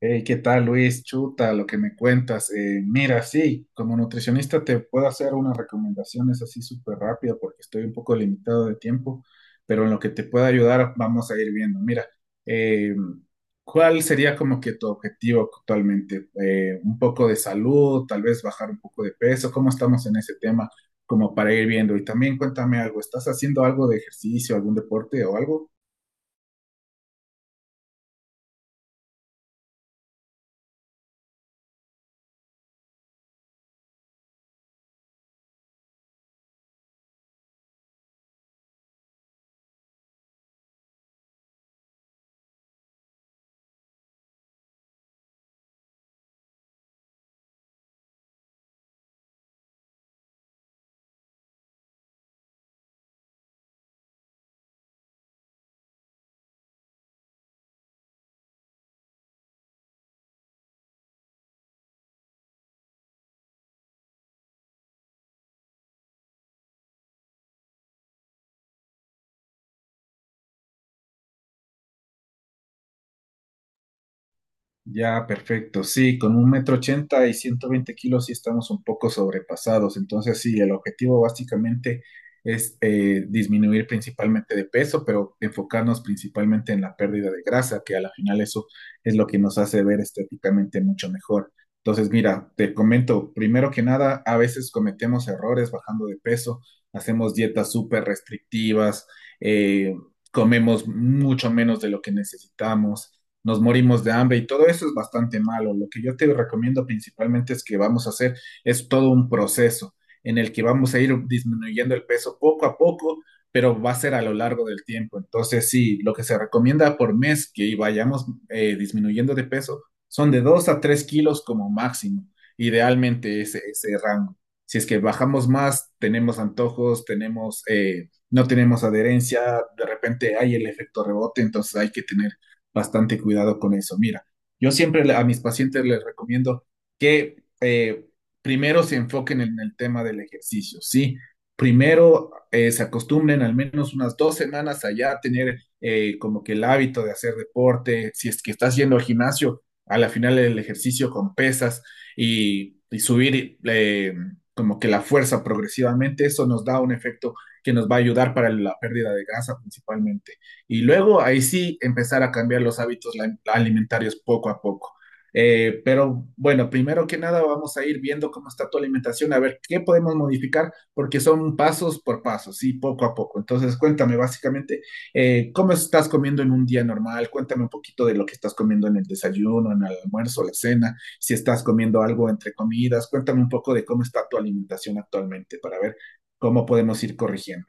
Hey, ¿qué tal, Luis? Chuta, lo que me cuentas. Mira, sí, como nutricionista te puedo hacer unas recomendaciones así súper rápido porque estoy un poco limitado de tiempo, pero en lo que te pueda ayudar vamos a ir viendo. Mira, eh, ¿cuál sería como que tu objetivo actualmente? ¿Un poco de salud, tal vez bajar un poco de peso? ¿Cómo estamos en ese tema como para ir viendo? Y también cuéntame algo, ¿estás haciendo algo de ejercicio, algún deporte o algo? Ya, perfecto. Sí, con un metro ochenta y 120 kilos sí estamos un poco sobrepasados. Entonces, sí, el objetivo básicamente es disminuir principalmente de peso, pero enfocarnos principalmente en la pérdida de grasa, que a la final eso es lo que nos hace ver estéticamente mucho mejor. Entonces, mira, te comento, primero que nada, a veces cometemos errores bajando de peso, hacemos dietas súper restrictivas, eh, comemos mucho menos de lo que necesitamos, nos morimos de hambre y todo eso es bastante malo. Lo que yo te recomiendo principalmente es que vamos a hacer es todo un proceso en el que vamos a ir disminuyendo el peso poco a poco, pero va a ser a lo largo del tiempo. Entonces, sí, lo que se recomienda por mes que vayamos disminuyendo de peso son de 2 a 3 kilos como máximo, idealmente ese rango. Si es que bajamos más, tenemos antojos, tenemos, no tenemos adherencia, de repente hay el efecto rebote, entonces hay que tener bastante cuidado con eso. Mira, yo siempre a mis pacientes les recomiendo que primero se enfoquen en el tema del ejercicio, ¿sí? Primero se acostumbren al menos unas 2 semanas a ya tener como que el hábito de hacer deporte. Si es que estás yendo al gimnasio, a la final el ejercicio con pesas y subir como que la fuerza progresivamente, eso nos da un efecto que nos va a ayudar para la pérdida de grasa principalmente y luego ahí sí empezar a cambiar los hábitos alimentarios poco a poco. Pero bueno, primero que nada vamos a ir viendo cómo está tu alimentación, a ver qué podemos modificar, porque son pasos por pasos, sí, poco a poco. Entonces, cuéntame básicamente cómo estás comiendo en un día normal, cuéntame un poquito de lo que estás comiendo en el desayuno, en el almuerzo, la cena, si estás comiendo algo entre comidas, cuéntame un poco de cómo está tu alimentación actualmente para ver cómo podemos ir corrigiendo.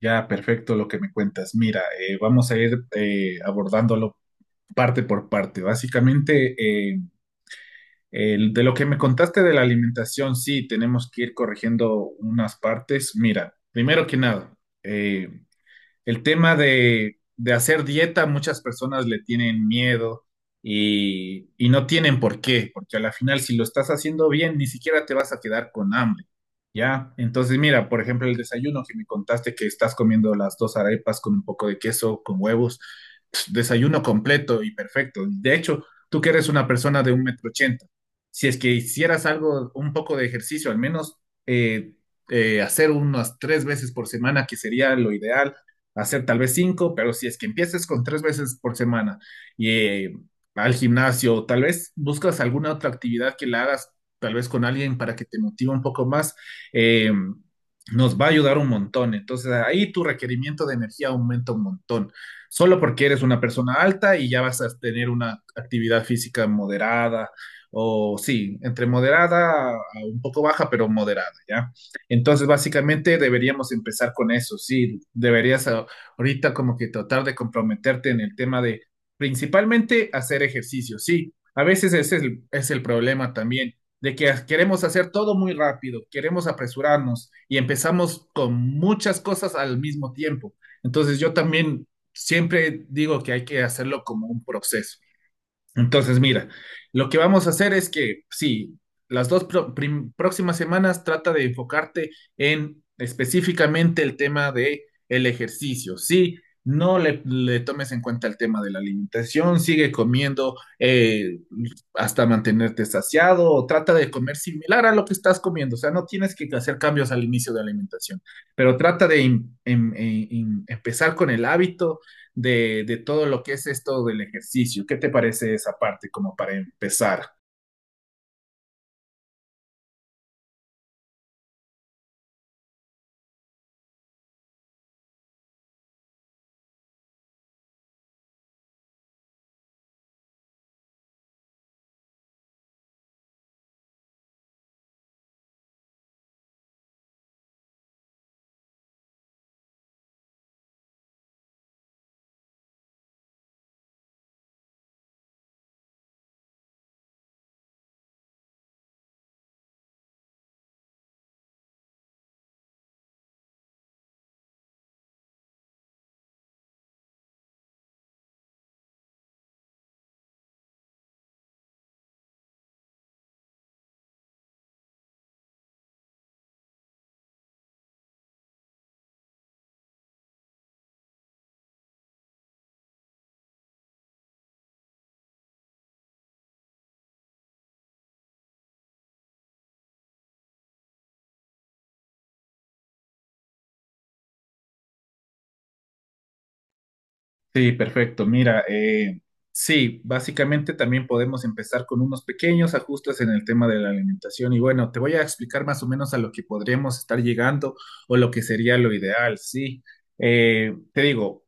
Ya, perfecto lo que me cuentas. Mira, vamos a ir abordándolo parte por parte. Básicamente, eh, de lo que me contaste de la alimentación, sí, tenemos que ir corrigiendo unas partes. Mira, primero que nada, eh, el tema de hacer dieta, muchas personas le tienen miedo y no tienen por qué, porque a la final si lo estás haciendo bien, ni siquiera te vas a quedar con hambre, ¿ya? Entonces, mira, por ejemplo, el desayuno que me contaste que estás comiendo las dos arepas con un poco de queso, con huevos, pf, desayuno completo y perfecto. De hecho, tú que eres una persona de un metro ochenta, si es que hicieras algo, un poco de ejercicio, al menos eh, hacer unas 3 veces por semana, que sería lo ideal hacer tal vez cinco, pero si es que empiezas con 3 veces por semana y al gimnasio, tal vez buscas alguna otra actividad que la hagas, tal vez con alguien para que te motive un poco más, eh, nos va a ayudar un montón. Entonces ahí tu requerimiento de energía aumenta un montón. Solo porque eres una persona alta y ya vas a tener una actividad física moderada, o sí, entre moderada a un poco baja, pero moderada, ¿ya? Entonces, básicamente deberíamos empezar con eso, sí, deberías ahorita como que tratar de comprometerte en el tema de principalmente hacer ejercicio, sí, a veces ese es el problema también, de que queremos hacer todo muy rápido, queremos apresurarnos y empezamos con muchas cosas al mismo tiempo. Entonces yo también siempre digo que hay que hacerlo como un proceso. Entonces, mira, lo que vamos a hacer es que, sí, las dos próximas semanas trata de enfocarte en específicamente el tema de el ejercicio. Sí, no le tomes en cuenta el tema de la alimentación, sigue comiendo hasta mantenerte saciado, o trata de comer similar a lo que estás comiendo. O sea, no tienes que hacer cambios al inicio de alimentación, pero trata de empezar con el hábito de todo lo que es esto del ejercicio. ¿Qué te parece esa parte como para empezar? Sí, perfecto. Mira, sí, básicamente también podemos empezar con unos pequeños ajustes en el tema de la alimentación y bueno, te voy a explicar más o menos a lo que podríamos estar llegando o lo que sería lo ideal, sí. Te digo,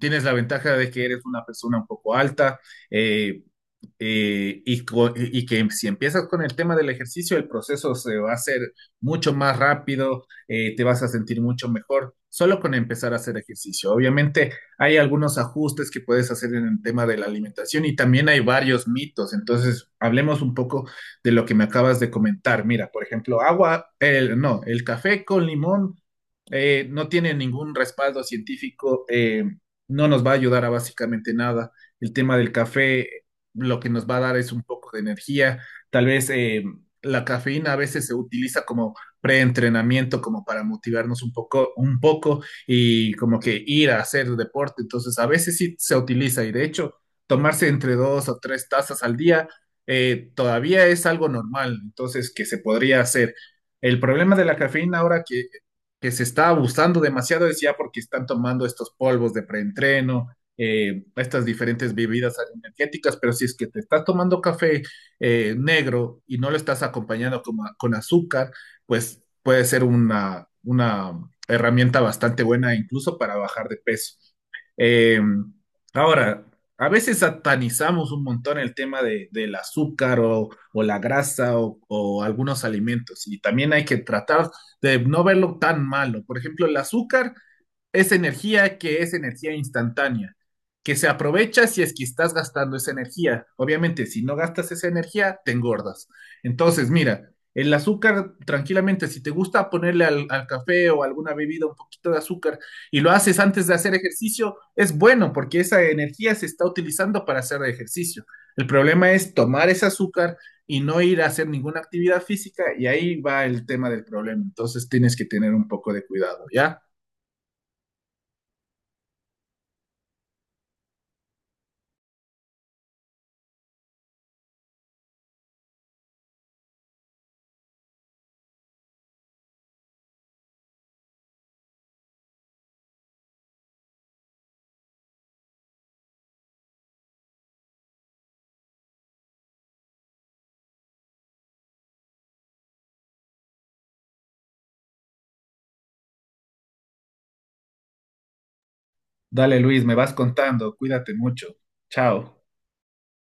tienes la ventaja de que eres una persona un poco alta, eh, y que si empiezas con el tema del ejercicio, el proceso se va a hacer mucho más rápido, te vas a sentir mucho mejor solo con empezar a hacer ejercicio. Obviamente hay algunos ajustes que puedes hacer en el tema de la alimentación y también hay varios mitos. Entonces, hablemos un poco de lo que me acabas de comentar. Mira, por ejemplo, agua, el, no, el café con limón no tiene ningún respaldo científico, no nos va a ayudar a básicamente nada. El tema del café lo que nos va a dar es un poco de energía. Tal vez la cafeína a veces se utiliza como preentrenamiento, como para motivarnos un poco y como que ir a hacer deporte. Entonces, a veces sí se utiliza y de hecho, tomarse entre 2 o 3 tazas al día todavía es algo normal, entonces, que se podría hacer. El problema de la cafeína ahora que se está abusando demasiado es ya porque están tomando estos polvos de preentreno, estas diferentes bebidas energéticas, pero si es que te estás tomando café negro y no lo estás acompañando con azúcar, pues puede ser una herramienta bastante buena incluso para bajar de peso. Eh, Ahora, a veces satanizamos un montón el tema de, del azúcar o la grasa o algunos alimentos y también hay que tratar de no verlo tan malo. Por ejemplo, el azúcar esa energía que es energía instantánea, que se aprovecha si es que estás gastando esa energía. Obviamente, si no gastas esa energía, te engordas. Entonces, mira, el azúcar, tranquilamente, si te gusta ponerle al café o alguna bebida un poquito de azúcar y lo haces antes de hacer ejercicio, es bueno porque esa energía se está utilizando para hacer ejercicio. El problema es tomar ese azúcar y no ir a hacer ninguna actividad física y ahí va el tema del problema. Entonces tienes que tener un poco de cuidado, ¿ya? Dale, Luis, me vas contando. Cuídate mucho. Chao.